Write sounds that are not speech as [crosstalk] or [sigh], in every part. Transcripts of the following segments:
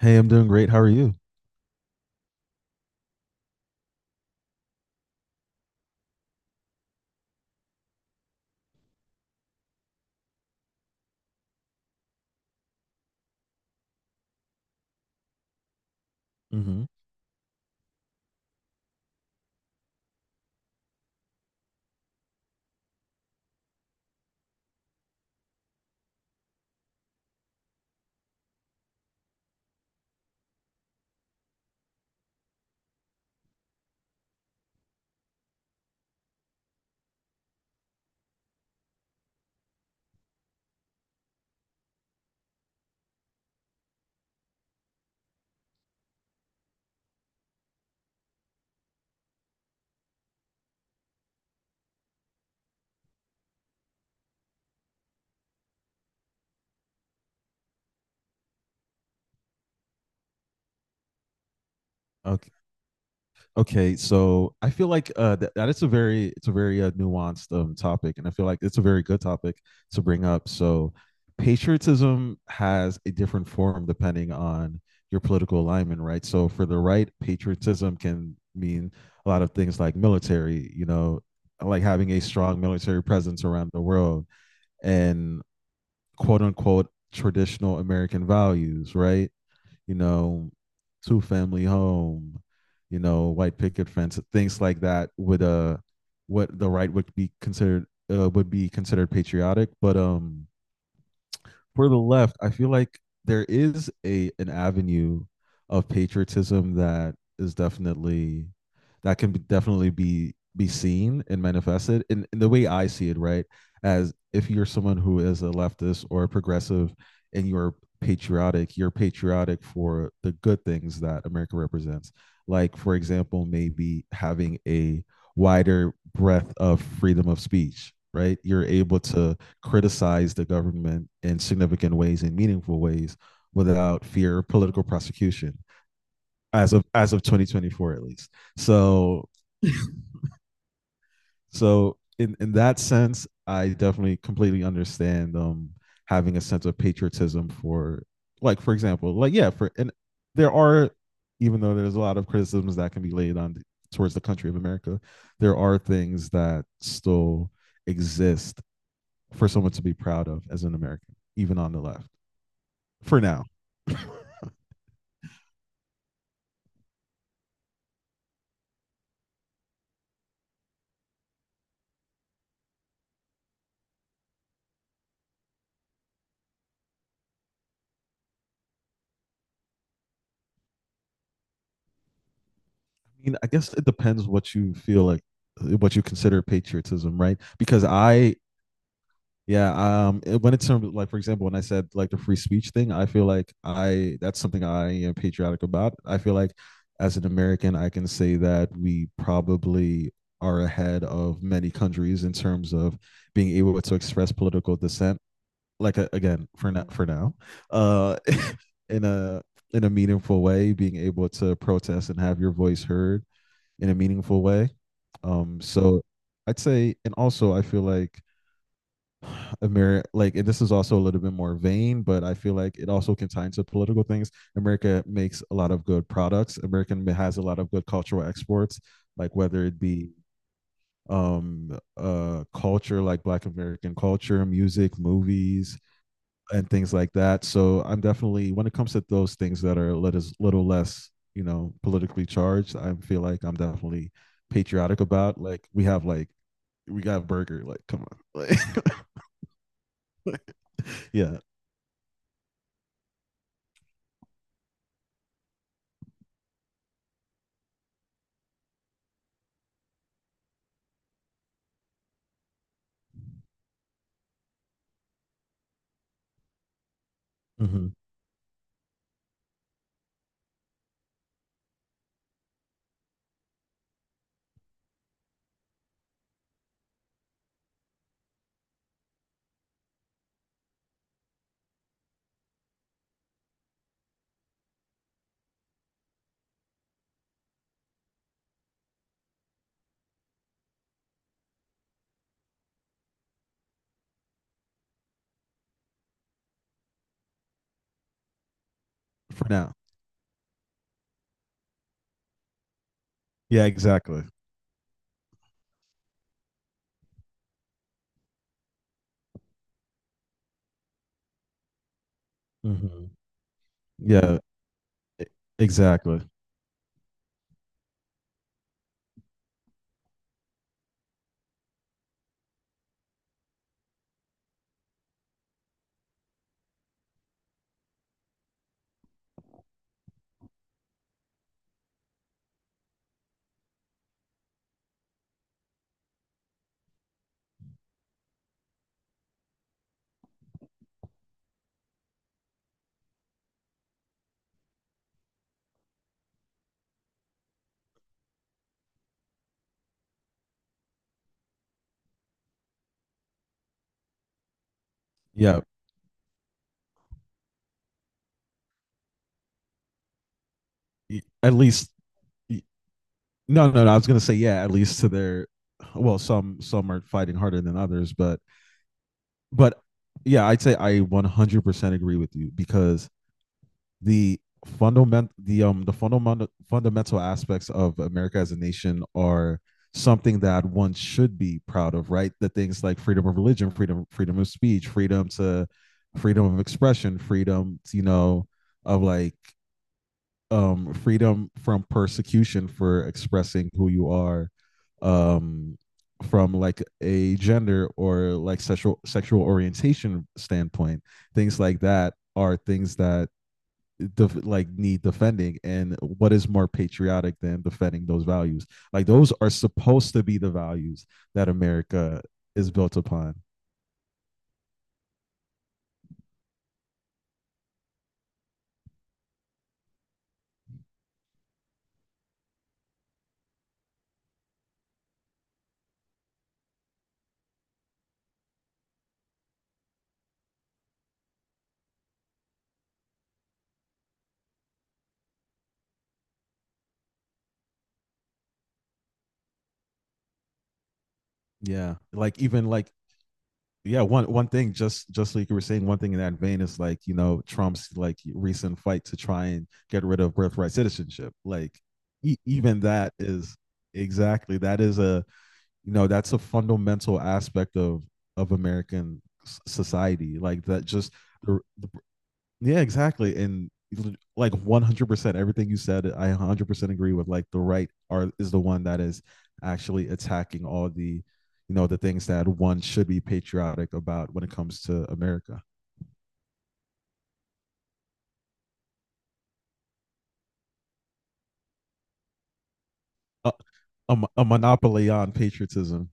Hey, I'm doing great. How are you? hmm Okay. Okay, so I feel like that it's a very nuanced topic, and I feel like it's a very good topic to bring up. So, patriotism has a different form depending on your political alignment, right? So, for the right, patriotism can mean a lot of things like military, you know, like having a strong military presence around the world, and quote unquote traditional American values, right? You know, two family home, you know, white picket fence, things like that would what the right would be considered patriotic, but for the left, I feel like there is a an avenue of patriotism that is definitely be seen and manifested in the way I see it, right? As if you're someone who is a leftist or a progressive and you're patriotic for the good things that America represents. Like, for example, maybe having a wider breadth of freedom of speech, right? You're able to criticize the government in significant ways and meaningful ways without fear of political prosecution as of 2024, at least. So so in that sense I definitely completely understand having a sense of patriotism for, like, for example, like, yeah, for, and there are, even though there's a lot of criticisms that can be laid on towards the country of America, there are things that still exist for someone to be proud of as an American, even on the left, for now. I mean, I guess it depends what you feel like, what you consider patriotism, right? Because when like, for example, when I said like the free speech thing, I feel like I that's something I am patriotic about. I feel like as an American I can say that we probably are ahead of many countries in terms of being able to express political dissent, like, again, for now, for now, uh [laughs] in a in a meaningful way, being able to protest and have your voice heard in a meaningful way. um so I'd say, and also I feel like America, like, and this is also a little bit more vain, but I feel like it also can tie into political things. America makes a lot of good products. America has a lot of good cultural exports, like whether it be culture, like black American culture, music, movies, and things like that. So I'm definitely, when it comes to those things that are a little less, you know, politically charged, I feel like I'm definitely patriotic about, like, we have like, we got a burger, like, come on, like, [laughs] yeah. Mhm. For now. Yeah, exactly. Mhm. Yeah, e- exactly. Yeah, at least. y- No, no, no. I was gonna say yeah, at least to their. Well, some are fighting harder than others, but yeah, I'd say I 100% agree with you because the the fundamental aspects of America as a nation are something that one should be proud of, right? The things like freedom of religion, freedom of speech, freedom of expression, freedom to, you know, of like freedom from persecution for expressing who you are, um from like a gender or like sexual orientation standpoint. Things like that are things that like need defending, and what is more patriotic than defending those values? Like those are supposed to be the values that America is built upon. Yeah, like even like yeah, one thing, just like you were saying, one thing in that vein is, like, you know, Trump's like recent fight to try and get rid of birthright citizenship, like even that is exactly, that is a, you know, that's a fundamental aspect of American society, like that just the, yeah, exactly. And like 100% everything you said, I 100% agree with. Like the right are is the one that is actually attacking all the, you know, the things that one should be patriotic about when it comes to America. A, a, a monopoly on patriotism.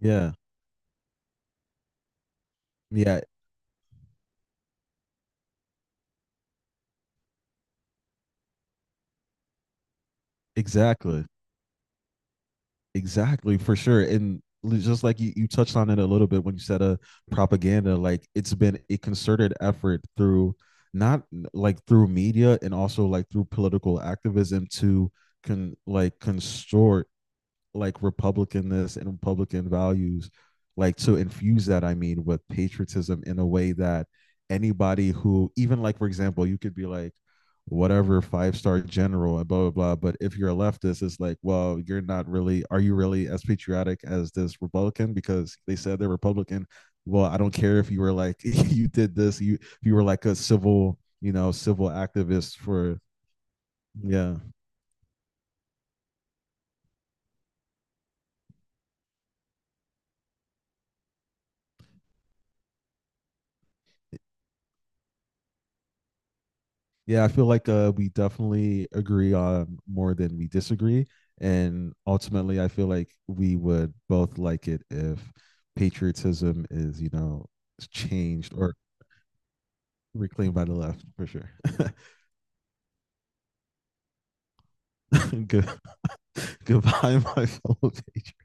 Yeah. Yeah, exactly. Exactly, for sure. And just like you touched on it a little bit when you said propaganda. Like, it's been a concerted effort through not n- like through media and also like through political activism to con like constort like republicanness and republican values, like, to infuse that, I mean, with patriotism in a way that anybody who, even, like, for example, you could be like whatever five-star general and blah blah blah, but if you're a leftist it's like, well, you're not really, are you really as patriotic as this republican because they said they're republican? Well, I don't care if you were like [laughs] you did this, you, if you were like a civil, you know, civil activist for, yeah. Yeah, I feel like we definitely agree on more than we disagree, and ultimately, I feel like we would both like it if patriotism is, you know, changed or reclaimed by the left, for sure. [laughs] Good, [laughs] goodbye, my fellow patriots.